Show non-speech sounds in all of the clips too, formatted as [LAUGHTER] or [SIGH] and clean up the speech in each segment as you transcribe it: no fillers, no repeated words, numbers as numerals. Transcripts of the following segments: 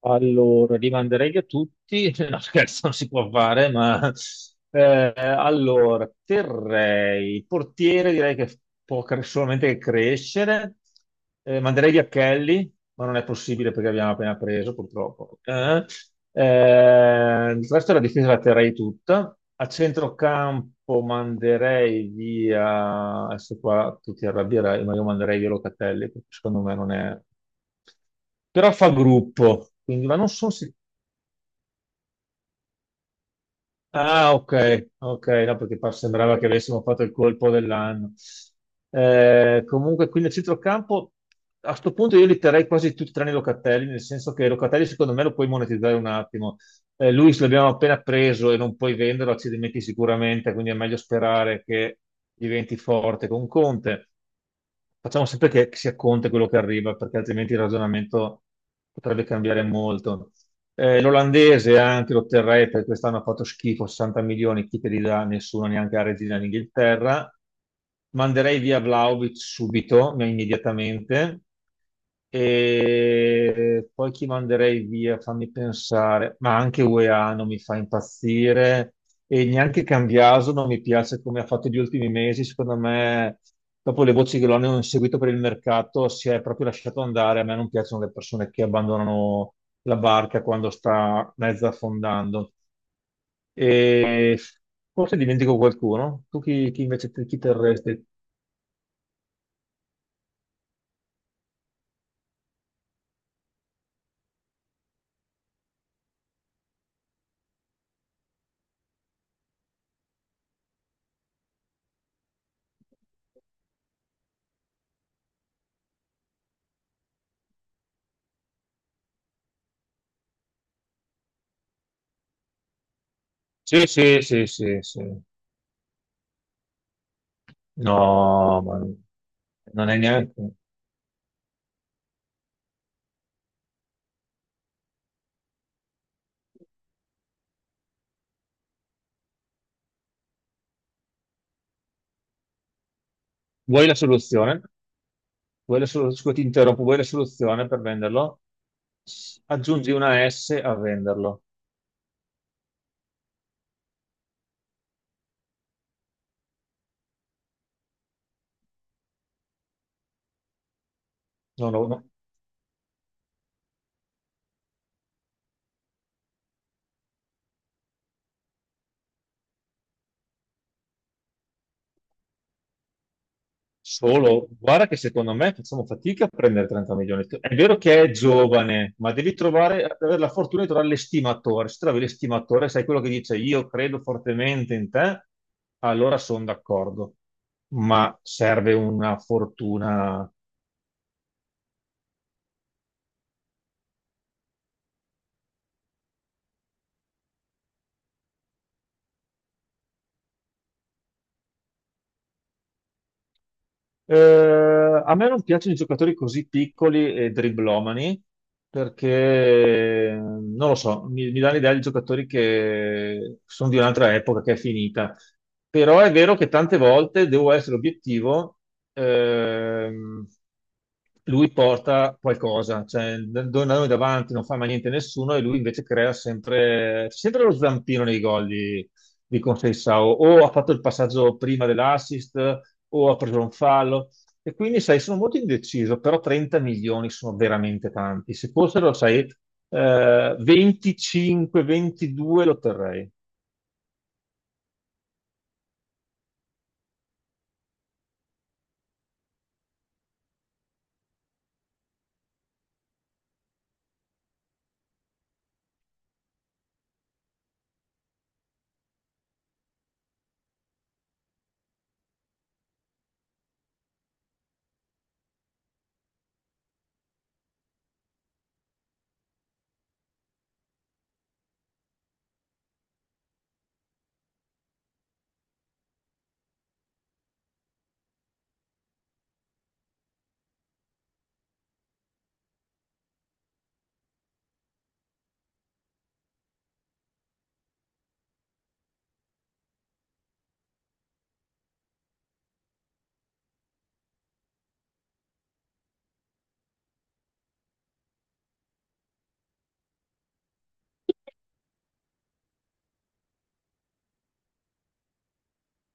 Allora, li manderei a tutti, [LAUGHS] no scherzo, non si può fare, ma terrei, portiere direi che può solamente crescere. Manderei via Kelly, ma non è possibile perché abbiamo appena preso, purtroppo. Il resto della difesa la terrei tutta. A centrocampo manderei via, adesso qua tu ti arrabbierai, ma io manderei via Locatelli, perché secondo me non è... Però fa gruppo, quindi, ma non sono sicuro. Ah, ok, ok, no, perché sembrava che avessimo fatto il colpo dell'anno. Comunque, qui nel centrocampo, a sto punto io li terrei quasi tutti tranne Locatelli, nel senso che Locatelli secondo me lo puoi monetizzare un attimo. Luis l'abbiamo appena preso e non puoi venderlo, accidenti sicuramente, quindi è meglio sperare che diventi forte con Conte. Facciamo sempre che sia Conte quello che arriva, perché altrimenti il ragionamento potrebbe cambiare molto. L'olandese anche lo terrei perché quest'anno ha fatto schifo, 60 milioni, chi te li dà? Nessuno, neanche la regina d'Inghilterra. Manderei via Vlahovic subito, ma immediatamente. E poi chi manderei via? Fammi pensare, ma anche UEA non mi fa impazzire e neanche Cambiaso non mi piace come ha fatto gli ultimi mesi. Secondo me, dopo le voci che lo hanno seguito per il mercato, si è proprio lasciato andare. A me non piacciono le persone che abbandonano la barca quando sta mezza affondando. E forse dimentico qualcuno. Tu chi terresti? Sì, sì, sì, sì, sì. No, ma non è neanche. Vuoi la soluzione? Vuoi la scusa, ti interrompo, vuoi la soluzione per venderlo? S- Aggiungi una S a venderlo. No, no, no. Solo, guarda che secondo me facciamo fatica a prendere 30 milioni. È vero che è giovane, ma devi trovare, avere la fortuna di trovare l'estimatore. Se trovi l'estimatore, sai quello che dice io credo fortemente in te, allora sono d'accordo. Ma serve una fortuna. A me non piacciono i giocatori così piccoli e dribblomani perché, non lo so, mi dà l'idea di giocatori che sono di un'altra epoca che è finita. Però è vero che tante volte devo essere obiettivo, ehm, lui porta qualcosa, cioè noi davanti non fa mai niente nessuno e lui invece crea sempre, c'è sempre lo zampino nei gol di Conceição, o ha fatto il passaggio prima dell'assist, o ha preso un fallo. E quindi, sai, sono molto indeciso, però 30 milioni sono veramente tanti. Se fossero, sai, 25, 22 lo terrei.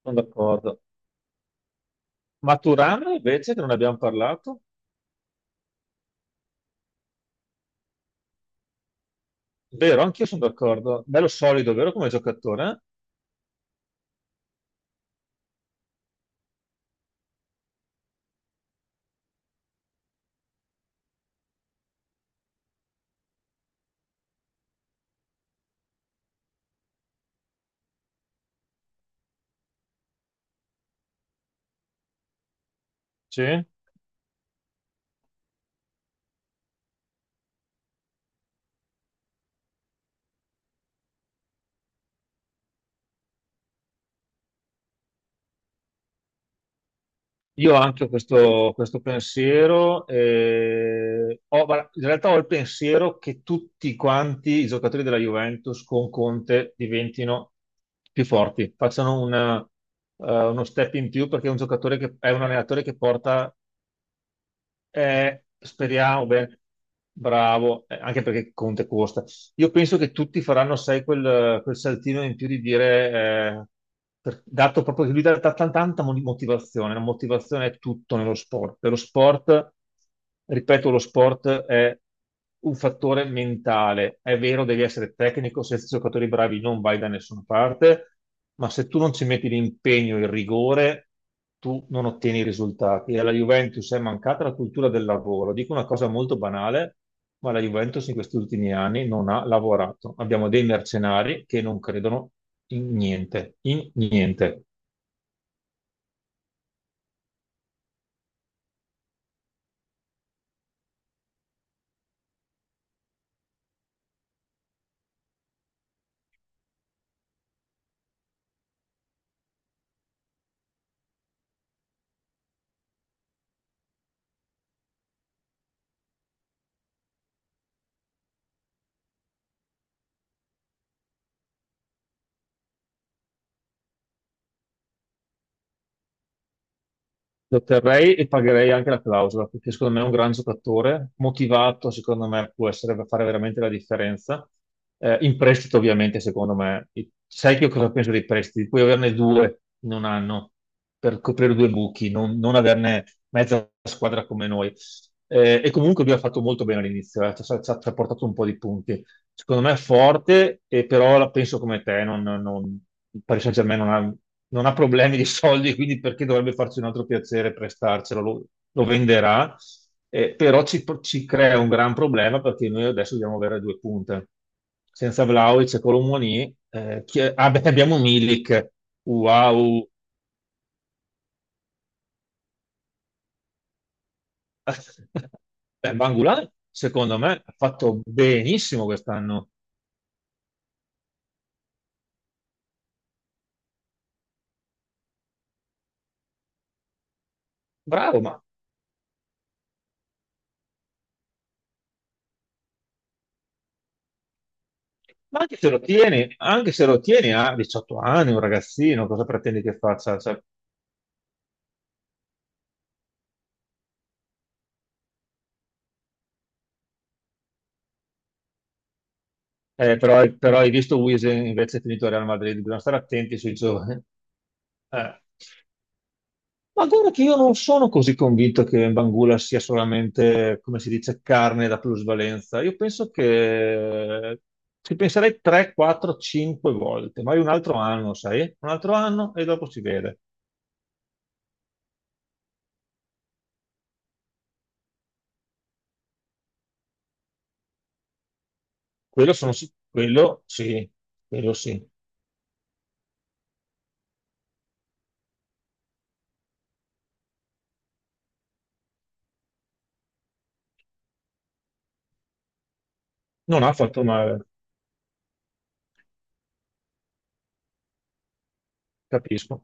Sono d'accordo. Maturana, invece, che non abbiamo parlato, vero, anch'io sono d'accordo. Bello solido, vero, come giocatore? Eh? Sì. Io ho anche questo pensiero, guarda, in realtà ho il pensiero che tutti quanti i giocatori della Juventus con Conte diventino più forti, facciano uno step in più perché è un giocatore che è un allenatore che porta. Speriamo, beh, bravo, anche perché Conte costa. Io penso che tutti faranno, sai, quel saltino in più di dire, eh, dato proprio che lui dà tanta motivazione, la motivazione è tutto nello sport. E lo sport, ripeto, lo sport è un fattore mentale. È vero, devi essere tecnico, senza giocatori bravi non vai da nessuna parte, ma se tu non ci metti l'impegno, il rigore tu non ottieni i risultati. E alla Juventus è mancata la cultura del lavoro. Dico una cosa molto banale, ma la Juventus in questi ultimi anni non ha lavorato. Abbiamo dei mercenari che non credono in niente, in niente. Lo terrei e pagherei anche la clausola, perché secondo me è un gran giocatore, motivato, secondo me può essere, fare veramente la differenza. In prestito, ovviamente, secondo me. Sai che io cosa penso dei prestiti? Puoi averne due in un anno per coprire due buchi, non averne mezza squadra come noi. E comunque lui ha fatto molto bene all'inizio, ci ha portato un po' di punti. Secondo me è forte, e però la penso come te, non, non, il Paris Saint-Germain non ha problemi di soldi, quindi perché dovrebbe farci un altro piacere prestarcelo? Lo venderà, però ci crea un gran problema perché noi adesso dobbiamo avere due punte. Senza Vlahovic e Colomouani, ah, beh, abbiamo Milik, wow! [LAUGHS] Beh, Bangula, secondo me, ha fatto benissimo quest'anno. Bravo, ma anche se lo tieni, anche se lo tieni a 18 anni, un ragazzino, cosa pretendi che faccia? Cioè, però hai visto Wiesen invece è finito a Real Madrid, bisogna stare attenti sui giovani. Eh. Ma guarda che io non sono così convinto che Bangula sia solamente, come si dice, carne da plusvalenza. Io penso che ci penserei 3, 4, 5 volte, magari un altro anno, sai? Un altro anno e dopo si vede. Quello sono quello sì, quello sì. Non ha fatto male, capisco.